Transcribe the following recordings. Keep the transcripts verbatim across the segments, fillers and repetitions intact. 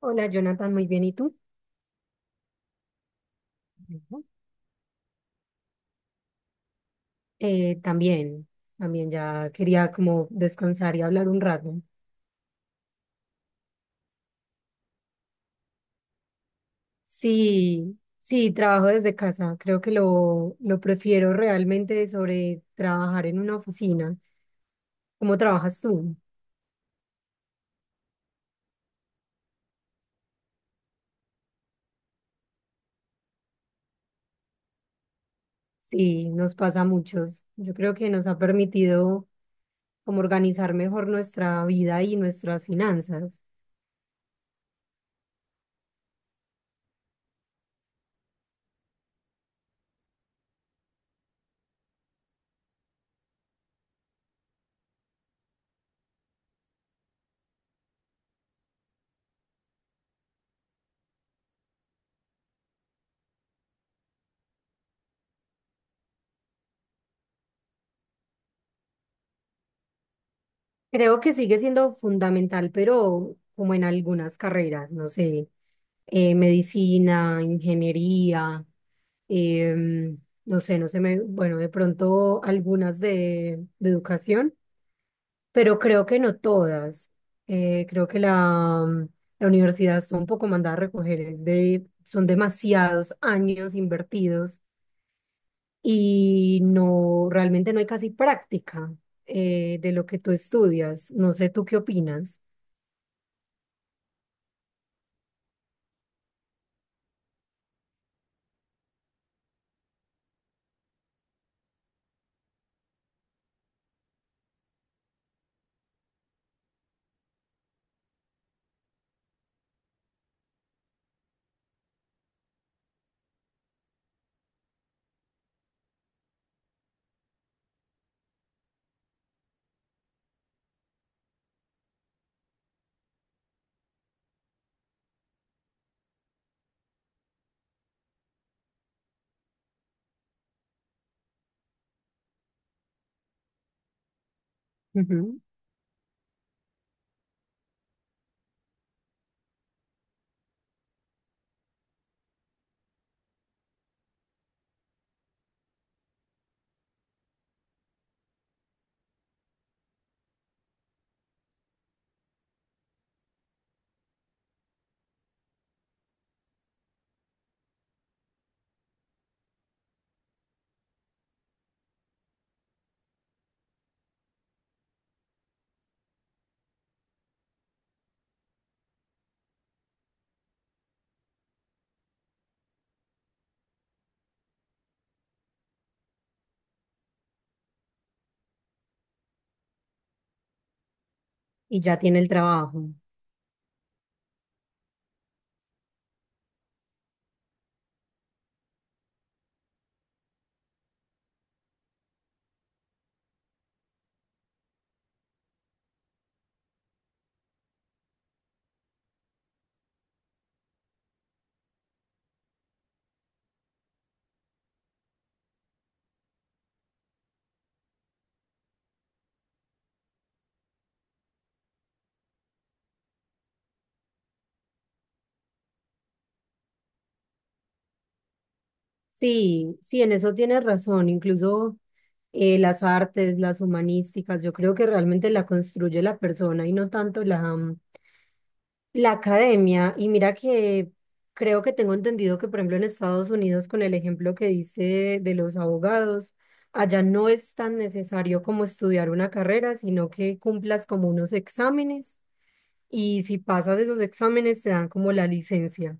Hola Jonathan, muy bien. ¿Y tú? Ujú. Eh, también, también ya quería como descansar y hablar un rato. Sí, sí, trabajo desde casa. Creo que lo, lo prefiero realmente sobre trabajar en una oficina. ¿Cómo trabajas tú? Sí, nos pasa a muchos. Yo creo que nos ha permitido como organizar mejor nuestra vida y nuestras finanzas. Creo que sigue siendo fundamental, pero como en algunas carreras, no sé. Eh, medicina, ingeniería, em, no sé, no sé, me, bueno, de pronto algunas de, de educación, pero creo que no todas. Eh, creo que la, mm, la universidad está un poco mandada a recoger, es de, son demasiados años invertidos y no, realmente no hay casi práctica eh, de lo que tú estudias. No sé, ¿tú qué opinas? Ujú. Y ya tiene el trabajo. Sí, sí, en eso tienes razón. Incluso eh, las artes, las humanísticas, yo creo que realmente la construye la persona y no tanto la, mm, la academia. Y mira que creo que tengo entendido que, por ejemplo, en Estados Unidos, con el ejemplo que dice de los abogados, allá no es tan necesario como estudiar una carrera, sino que cumplas como unos exámenes y si pasas esos exámenes te dan como la licencia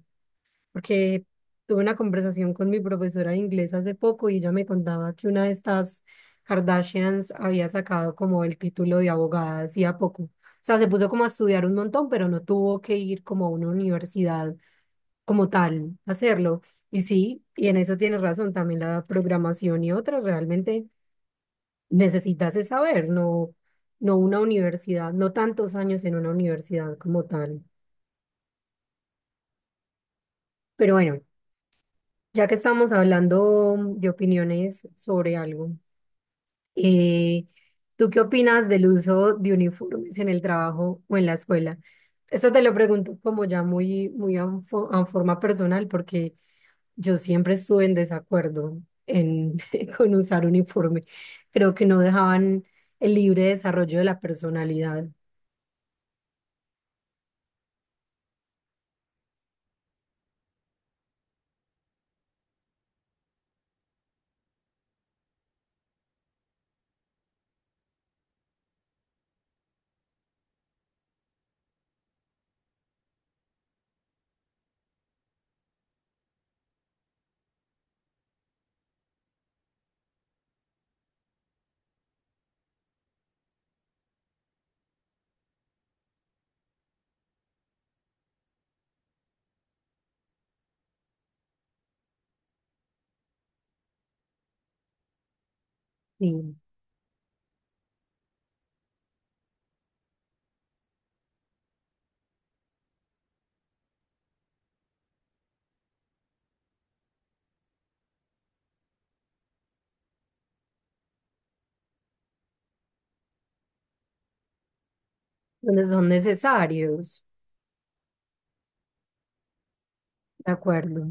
porque tuve una conversación con mi profesora de inglés hace poco y ella me contaba que una de estas Kardashians había sacado como el título de abogada hacía poco. O sea, se puso como a estudiar un montón, pero no tuvo que ir como a una universidad como tal a hacerlo. Y sí, y en eso tienes razón, también la programación y otras realmente necesitas es saber, no, no una universidad, no tantos años en una universidad como tal. Pero bueno, ya que estamos hablando de opiniones sobre algo, eh, ¿tú qué opinas del uso de uniformes en el trabajo o en la escuela? Esto te lo pregunto como ya muy, muy a, fo- a forma personal, porque yo siempre estuve en desacuerdo en, con usar uniforme. Creo que no dejaban el libre desarrollo de la personalidad, sí, donde son necesarios, ¿de acuerdo?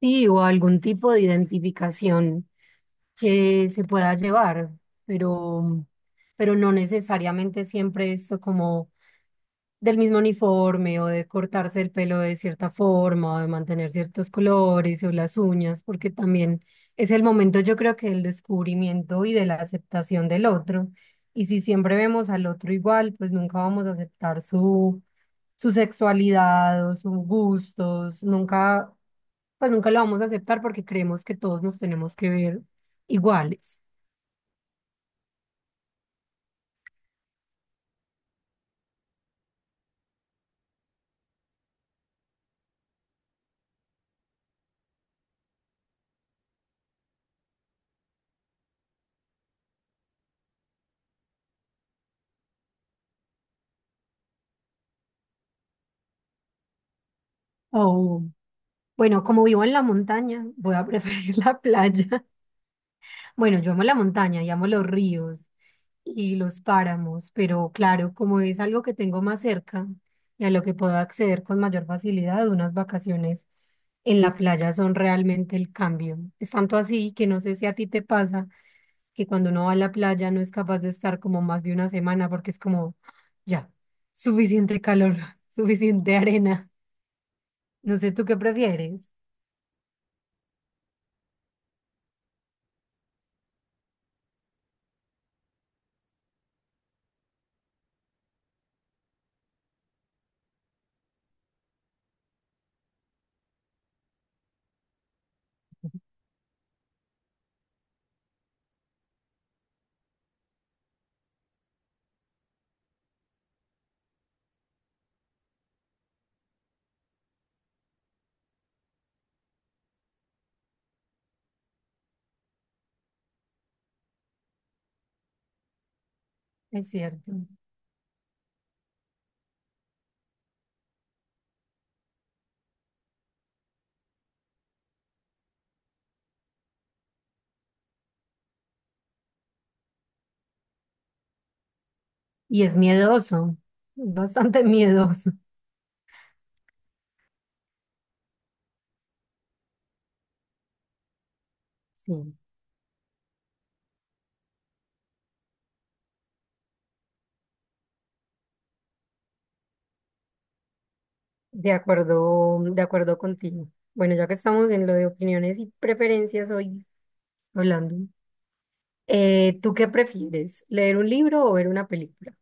Sí, o algún tipo de identificación que se pueda llevar, pero, pero no necesariamente siempre esto como del mismo uniforme o de cortarse el pelo de cierta forma o de mantener ciertos colores o las uñas, porque también es el momento yo creo que del descubrimiento y de la aceptación del otro. Y si siempre vemos al otro igual, pues nunca vamos a aceptar su, su sexualidad o sus gustos, nunca, pues nunca lo vamos a aceptar porque creemos que todos nos tenemos que ver iguales. O, bueno, como vivo en la montaña, voy a preferir la playa. Bueno, yo amo la montaña y amo los ríos y los páramos, pero claro, como es algo que tengo más cerca y a lo que puedo acceder con mayor facilidad, unas vacaciones en la playa son realmente el cambio. Es tanto así que no sé si a ti te pasa que cuando uno va a la playa no es capaz de estar como más de una semana porque es como, "Ah, ya, suficiente calor, suficiente arena." No sé tú qué prefieres, es cierto. Y es miedoso, es bastante miedoso. Sí, de acuerdo, de acuerdo contigo. Bueno, ya que estamos en lo de opiniones y preferencias hoy hablando, eh, ¿tú qué prefieres? ¿Leer un libro o ver una película?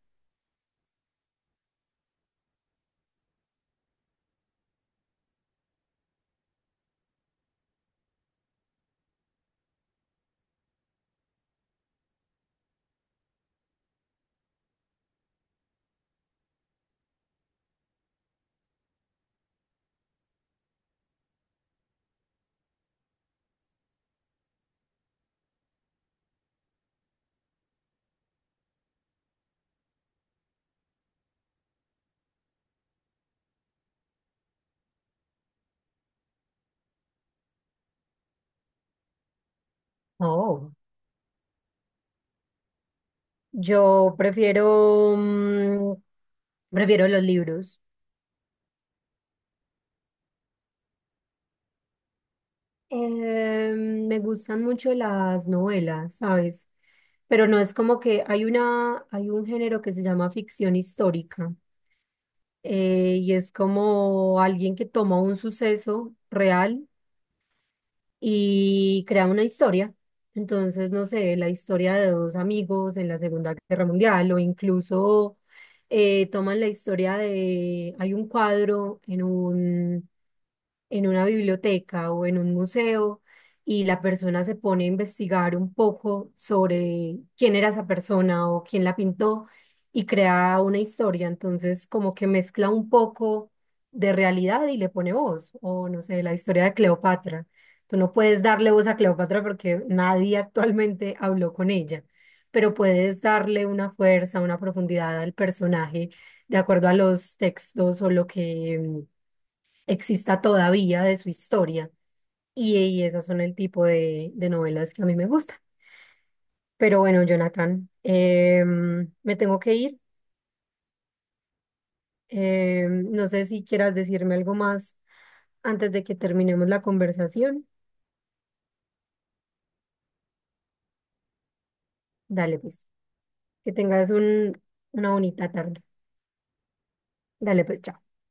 Oh, yo prefiero, mm, prefiero los libros. Eh, me gustan mucho las novelas, ¿sabes? Pero no es como que hay una, hay un género que se llama ficción histórica eh, y es como alguien que toma un suceso real y crea una historia. Entonces, no sé, la historia de dos amigos en la Segunda Guerra Mundial o incluso eh, toman la historia de, hay un cuadro en un en una biblioteca o en un museo y la persona se pone a investigar un poco sobre quién era esa persona o quién la pintó y crea una historia. Entonces, como que mezcla un poco de realidad y le pone voz, o no sé, la historia de Cleopatra. Tú no puedes darle voz a Cleopatra porque nadie actualmente habló con ella, pero puedes darle una fuerza, una profundidad al personaje de acuerdo a los textos o lo que exista todavía de su historia. Y, y esas son el tipo de, de novelas que a mí me gustan. Pero bueno, Jonathan, em, me tengo que ir. Em, no sé si quieras decirme algo más antes de que terminemos la conversación. Dale pues, que tengas un, una bonita tarde. Dale pues, chao.